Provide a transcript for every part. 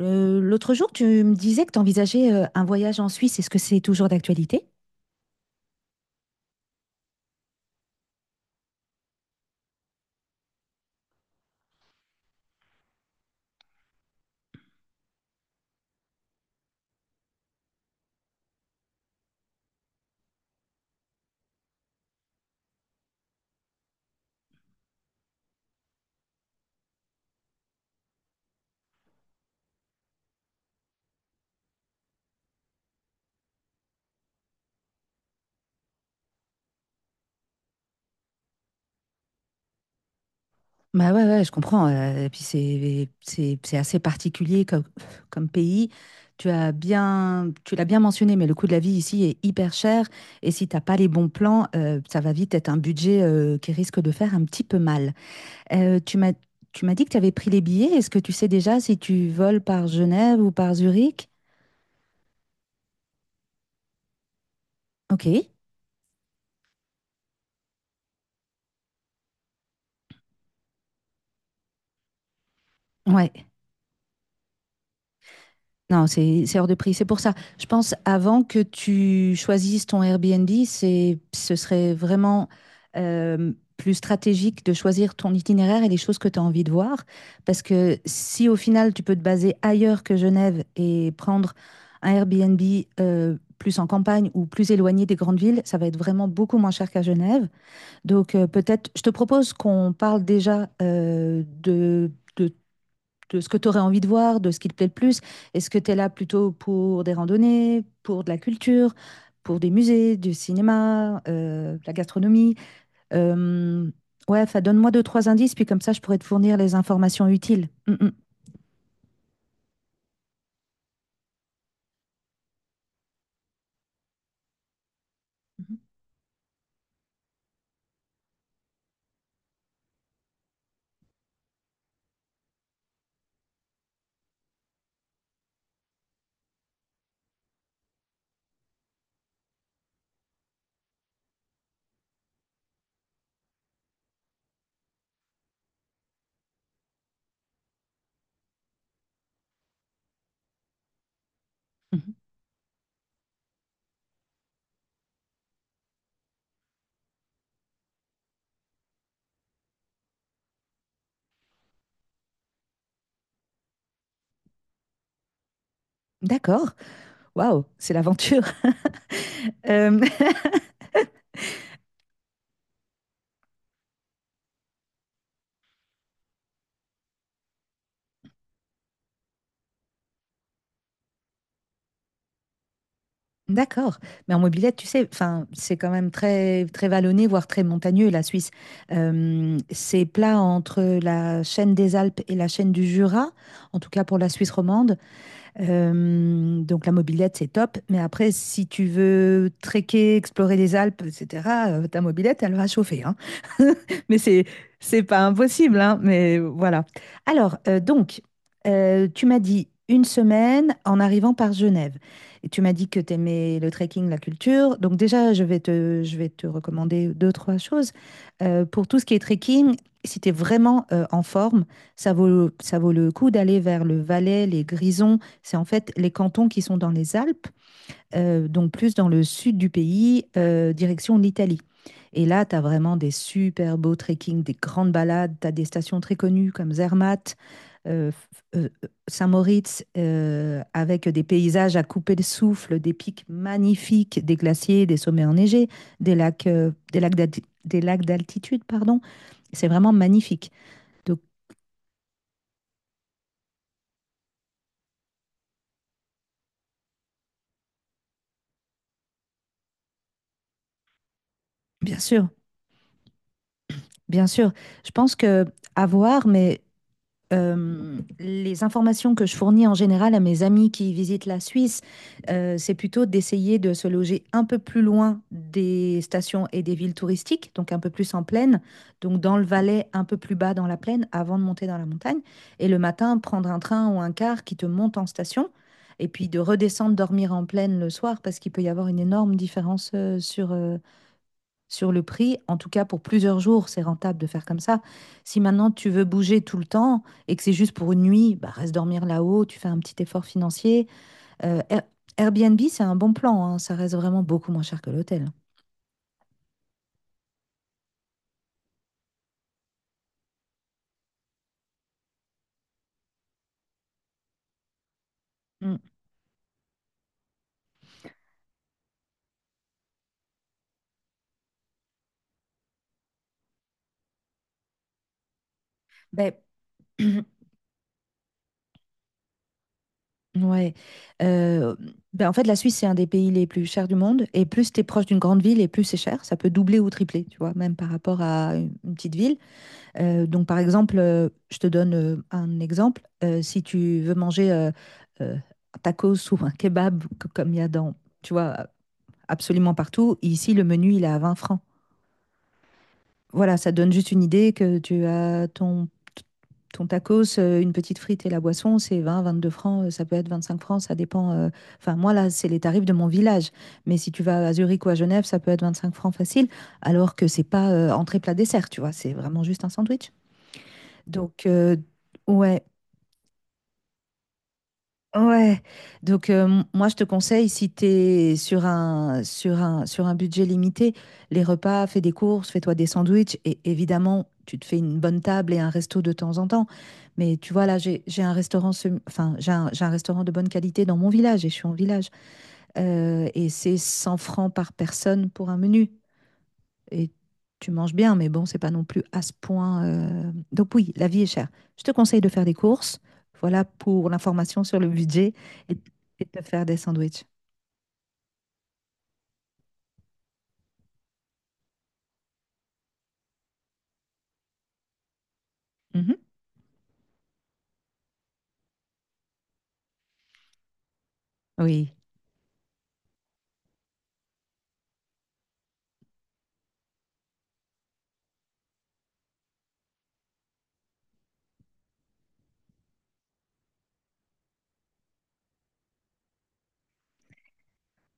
L'autre jour, tu me disais que tu envisageais un voyage en Suisse. Est-ce que c'est toujours d'actualité? Bah ouais, ouais, je comprends. Et puis c'est assez particulier comme pays. Tu as bien, tu l'as bien mentionné, mais le coût de la vie ici est hyper cher. Et si t'as pas les bons plans, ça va vite être un budget qui risque de faire un petit peu mal. Euh, tu m'as Tu m'as dit que tu avais pris les billets. Est-ce que tu sais déjà si tu voles par Genève ou par Zurich? Ok. Ouais. Non, c'est hors de prix. C'est pour ça. Je pense avant que tu choisisses ton Airbnb, c'est ce serait vraiment plus stratégique de choisir ton itinéraire et les choses que tu as envie de voir. Parce que si au final tu peux te baser ailleurs que Genève et prendre un Airbnb plus en campagne ou plus éloigné des grandes villes, ça va être vraiment beaucoup moins cher qu'à Genève. Donc peut-être, je te propose qu'on parle déjà de ce que tu aurais envie de voir, de ce qui te plaît le plus. Est-ce que tu es là plutôt pour des randonnées, pour de la culture, pour des musées, du cinéma, de la gastronomie? Euh, ouais, enfin, donne-moi deux, trois indices, puis comme ça, je pourrais te fournir les informations utiles. Mm, mm. Mhm. D'accord. Waouh, c'est l'aventure. Euh, D'accord. Mais en mobilette, tu sais, enfin, c'est quand même très, très vallonné, voire très montagneux, la Suisse. C'est plat entre la chaîne des Alpes et la chaîne du Jura, en tout cas pour la Suisse romande. Donc la mobilette, c'est top. Mais après, si tu veux trekker, explorer les Alpes, etc., ta mobilette, elle va chauffer, hein. Mais c'est pas impossible, hein, mais voilà. Alors, tu m'as dit une semaine en arrivant par Genève. Et tu m'as dit que tu aimais le trekking, la culture. Donc déjà, je vais te recommander deux, trois choses. Pour tout ce qui est trekking, si tu es vraiment en forme, ça vaut le coup d'aller vers le Valais, les Grisons. C'est en fait les cantons qui sont dans les Alpes, donc plus dans le sud du pays, direction l'Italie. Et là, tu as vraiment des super beaux trekking, des grandes balades, tu as des stations très connues comme Zermatt, euh, f- euh, Saint-Moritz, avec des paysages à couper le souffle, des pics magnifiques, des glaciers, des sommets enneigés, des lacs, des lacs d'altitude, pardon. C'est vraiment magnifique. Donc, bien sûr, bien sûr, je pense que à voir, mais les informations que je fournis en général à mes amis qui visitent la Suisse, c'est plutôt d'essayer de se loger un peu plus loin des stations et des villes touristiques, donc un peu plus en plaine, donc dans le Valais, un peu plus bas dans la plaine, avant de monter dans la montagne. Et le matin, prendre un train ou un car qui te monte en station, et puis de redescendre dormir en plaine le soir, parce qu'il peut y avoir une énorme différence sur le prix. En tout cas, pour plusieurs jours, c'est rentable de faire comme ça. Si maintenant tu veux bouger tout le temps et que c'est juste pour une nuit, bah, reste dormir là-haut, tu fais un petit effort financier. Euh, Air- Airbnb, c'est un bon plan, hein, ça reste vraiment beaucoup moins cher que l'hôtel. Mm. Ben, ouais. Euh, ben, en fait, la Suisse, c'est un des pays les plus chers du monde. Et plus tu es proche d'une grande ville, et plus c'est cher. Ça peut doubler ou tripler, tu vois, même par rapport à une petite ville. Donc, par exemple, je te donne un exemple. Si tu veux manger un tacos ou un kebab, comme il y a tu vois, absolument partout, ici, le menu, il est à 20 francs. Voilà, ça donne juste une idée que tu as ton, ton tacos, une petite frite et la boisson, c'est 20, 22 francs, ça peut être 25 francs, ça dépend. Enfin, moi, là, c'est les tarifs de mon village. Mais si tu vas à Zurich ou à Genève, ça peut être 25 francs facile, alors que c'est pas entrée plat dessert, tu vois, c'est vraiment juste un sandwich. Donc, euh, ouais, ouais. Donc, moi, je te conseille, si tu es sur un budget limité, les repas, fais des courses, fais-toi des sandwichs. Et évidemment, tu te fais une bonne table et un resto de temps en temps. Mais tu vois, là, j'ai un restaurant, j'ai un restaurant de bonne qualité dans mon village et je suis en village. Et c'est 100 francs par personne pour un menu. Et tu manges bien, mais bon, c'est pas non plus à ce point. Donc oui, la vie est chère. Je te conseille de faire des courses. Voilà pour l'information sur le budget et, et de faire des sandwichs. Mhm. Oui.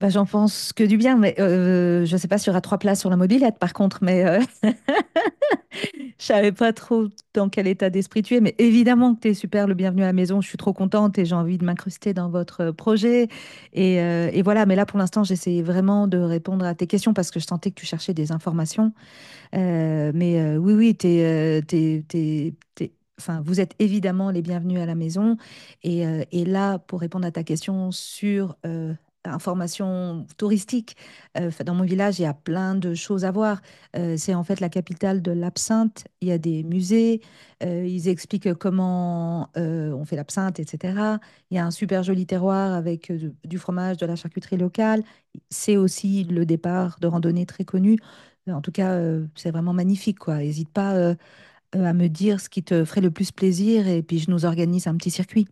Bah, j'en pense que du bien, mais je sais pas sur y aura trois places sur la mobilette par contre, mais je savais pas trop dans quel état d'esprit tu es. Mais évidemment que tu es super, le bienvenu à la maison. Je suis trop contente et j'ai envie de m'incruster dans votre projet. Et, et voilà, mais là pour l'instant, j'essayais vraiment de répondre à tes questions parce que je sentais que tu cherchais des informations. Mais oui, oui, enfin, vous êtes évidemment les bienvenus à la maison. Et, et là, pour répondre à ta question sur information touristique, enfin, dans mon village, il y a plein de choses à voir. C'est en fait la capitale de l'absinthe. Il y a des musées. Ils expliquent comment on fait l'absinthe, etc. Il y a un super joli terroir avec du fromage, de la charcuterie locale. C'est aussi le départ de randonnée très connu. En tout cas, c'est vraiment magnifique, quoi. N'hésite pas à me dire ce qui te ferait le plus plaisir et puis je nous organise un petit circuit.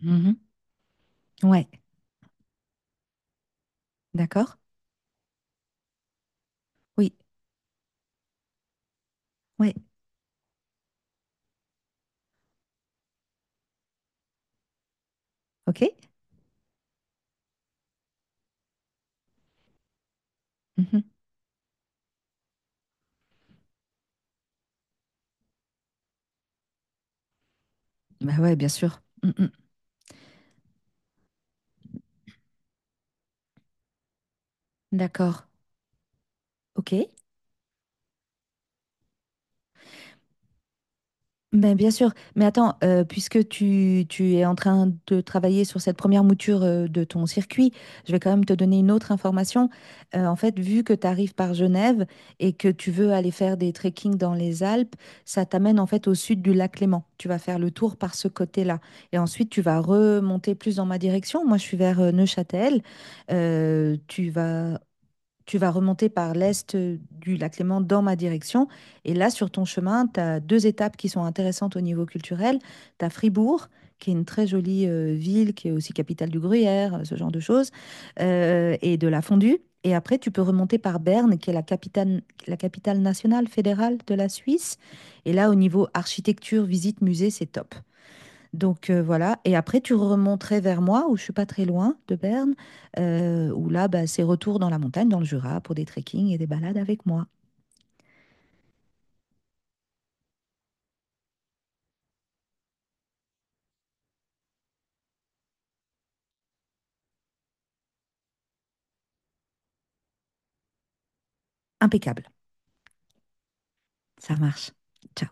Mhm. Ouais, d'accord? Oui, ouais, ok. Mhm. Bah ouais, bien sûr. Mm, mm. D'accord, ok. Ben, bien sûr, mais attends, puisque tu es en train de travailler sur cette première mouture de ton circuit, je vais quand même te donner une autre information. En fait, vu que tu arrives par Genève et que tu veux aller faire des trekking dans les Alpes, ça t'amène en fait au sud du lac Léman. Tu vas faire le tour par ce côté-là. Et ensuite, tu vas remonter plus dans ma direction. Moi, je suis vers Neuchâtel. Euh, tu vas Tu vas remonter par l'est du lac Léman dans ma direction. Et là, sur ton chemin, tu as deux étapes qui sont intéressantes au niveau culturel. Tu as Fribourg, qui est une très jolie ville, qui est aussi capitale du Gruyère, ce genre de choses, et de la fondue. Et après, tu peux remonter par Berne, qui est la capitale nationale fédérale de la Suisse. Et là, au niveau architecture, visite, musée, c'est top. Donc voilà, et après tu remonterais vers moi, où je suis pas très loin de Berne, où là bah, c'est retour dans la montagne, dans le Jura, pour des trekking et des balades avec moi. Impeccable, ça marche. Ciao.